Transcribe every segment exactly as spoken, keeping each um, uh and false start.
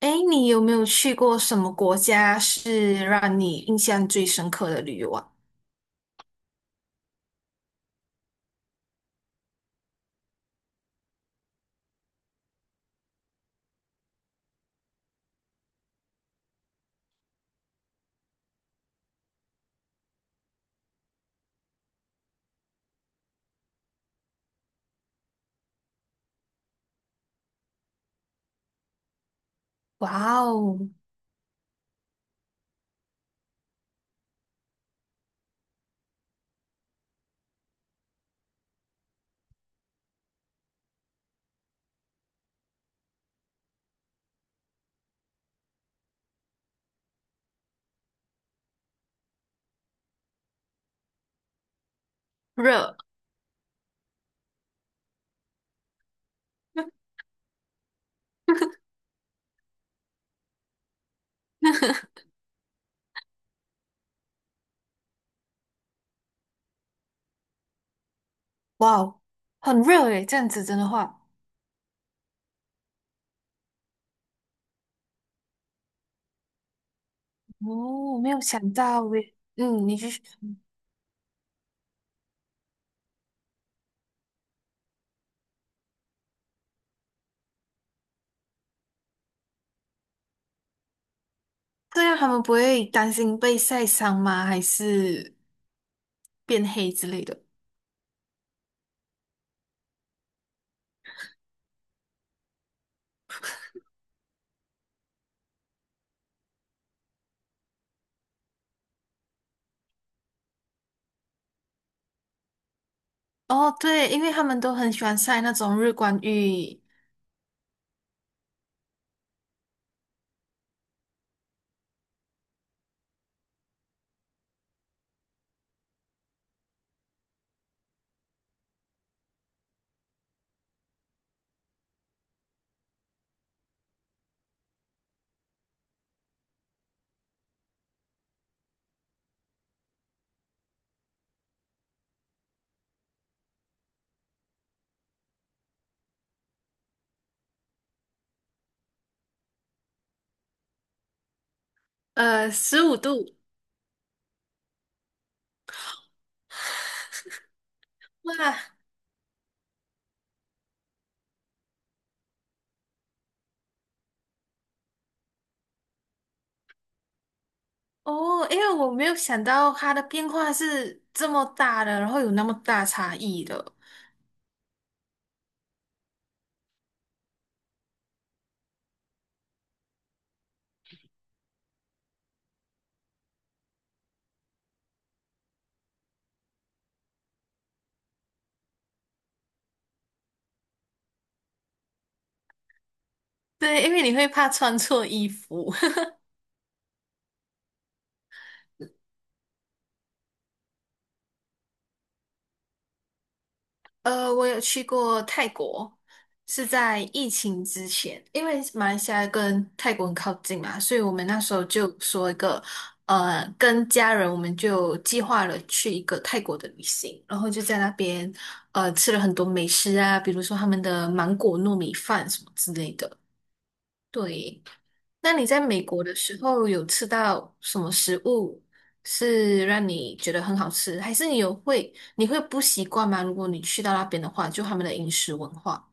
哎，你有没有去过什么国家是让你印象最深刻的旅游啊？哇哦。热。哇哦，很热诶，这样子真的话。哦，没有想到诶。嗯，你去，这样他们不会担心被晒伤吗？还是变黑之类的？哦，对，因为他们都很喜欢晒那种日光浴。呃，十五度。哇。哦，因为我没有想到它的变化是这么大的，然后有那么大差异的。对，因为你会怕穿错衣服。呃，我有去过泰国，是在疫情之前，因为马来西亚跟泰国很靠近嘛，所以我们那时候就说一个，呃，跟家人我们就计划了去一个泰国的旅行，然后就在那边，呃，吃了很多美食啊，比如说他们的芒果糯米饭什么之类的。对，那你在美国的时候有吃到什么食物是让你觉得很好吃，还是你有会你会不习惯吗？如果你去到那边的话，就他们的饮食文化。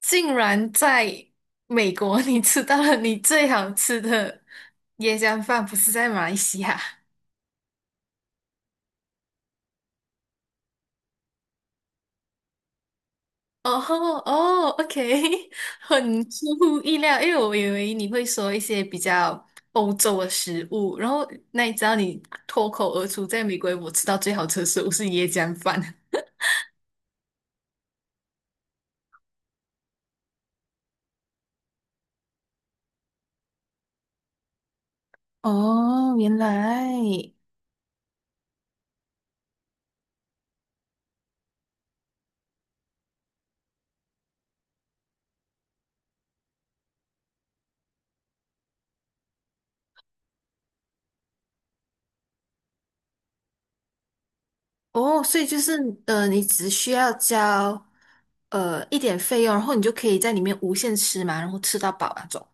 竟然在美国 你吃到了你最好吃的椰浆饭，不是在马来西亚？哦哦，OK，很出乎意料，因为我以为你会说一些比较欧洲的食物，然后那你知道你脱口而出，在美国我吃到最好吃的食物是椰浆饭。哦，原来。哦，所以就是呃，你只需要交呃一点费用，然后你就可以在里面无限吃嘛，然后吃到饱那种。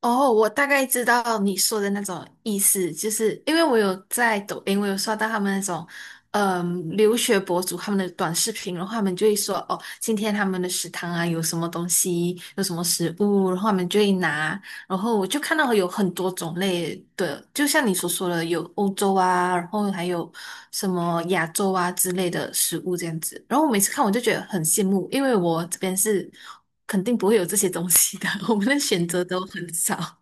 哦，我大概知道你说的那种意思，就是因为我有在抖音，我有刷到他们那种。嗯，留学博主他们的短视频，然后他们就会说，哦，今天他们的食堂啊有什么东西，有什么食物，然后他们就会拿，然后我就看到有很多种类的，就像你所说的，有欧洲啊，然后还有什么亚洲啊之类的食物这样子。然后我每次看我就觉得很羡慕，因为我这边是肯定不会有这些东西的，我们的选择都很少。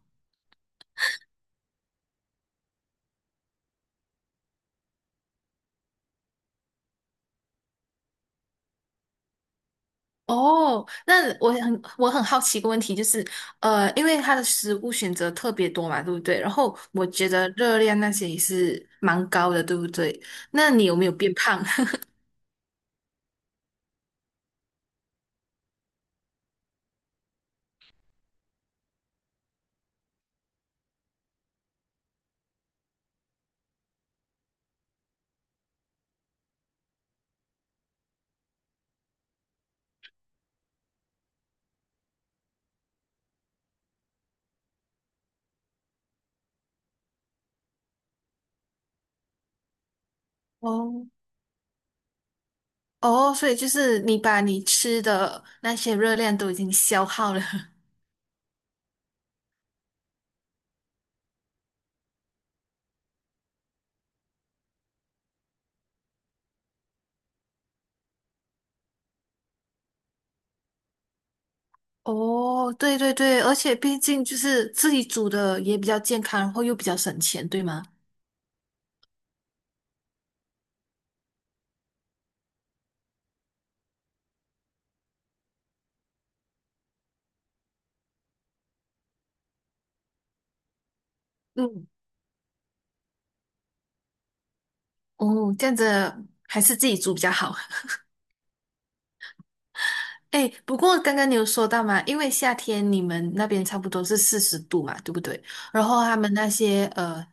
哦，那我很我很好奇一个问题，就是呃，因为它的食物选择特别多嘛，对不对？然后我觉得热量那些也是蛮高的，对不对？那你有没有变胖？哦哦，所以就是你把你吃的那些热量都已经消耗了。哦，对对对，而且毕竟就是自己煮的也比较健康，然后又比较省钱，对吗？嗯。哦，这样子还是自己煮比较好。哎，不过刚刚你有说到嘛，因为夏天你们那边差不多是四十度嘛，对不对？然后他们那些呃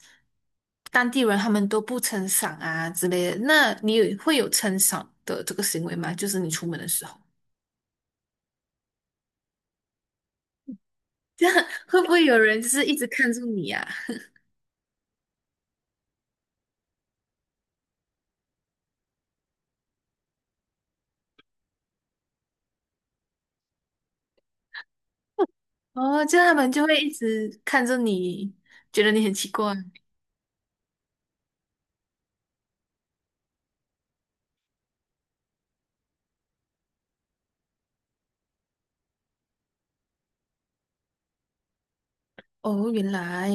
当地人他们都不撑伞啊之类的，那你有会有撑伞的这个行为吗？就是你出门的时候。会不会有人就是一直看着你啊？哦，这样他们就会一直看着你，觉得你很奇怪。哦，原来。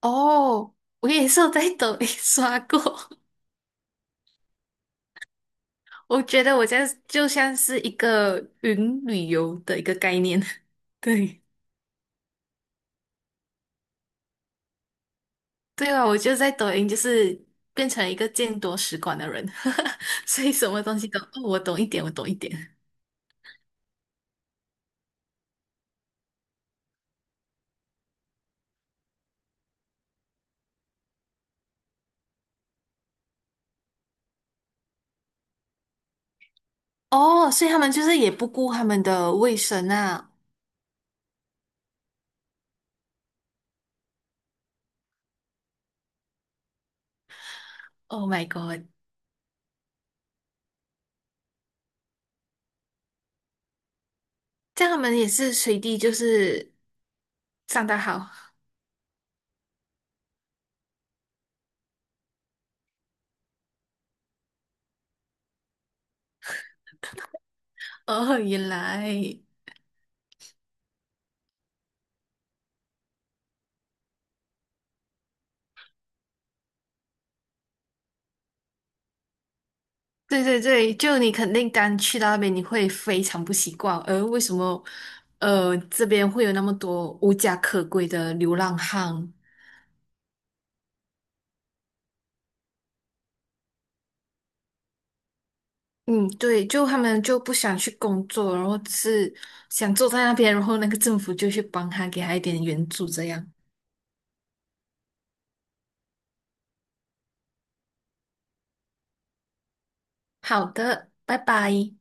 哦，我也是有在抖音 刷过。我觉得我在就像是一个云旅游的一个概念。对。对啊，我就在抖音就是变成一个见多识广的人。所以什么东西都，哦，我懂一点，我懂一点。哦，所以他们就是也不顾他们的卫生啊。Oh my god！这样他们也是随地就是上得好。哦，原来。对对对，就你肯定刚去到那边，你会非常不习惯。呃，为什么呃这边会有那么多无家可归的流浪汉？嗯，对，就他们就不想去工作，然后只是想坐在那边，然后那个政府就去帮他，给他一点援助，这样。好的，拜拜。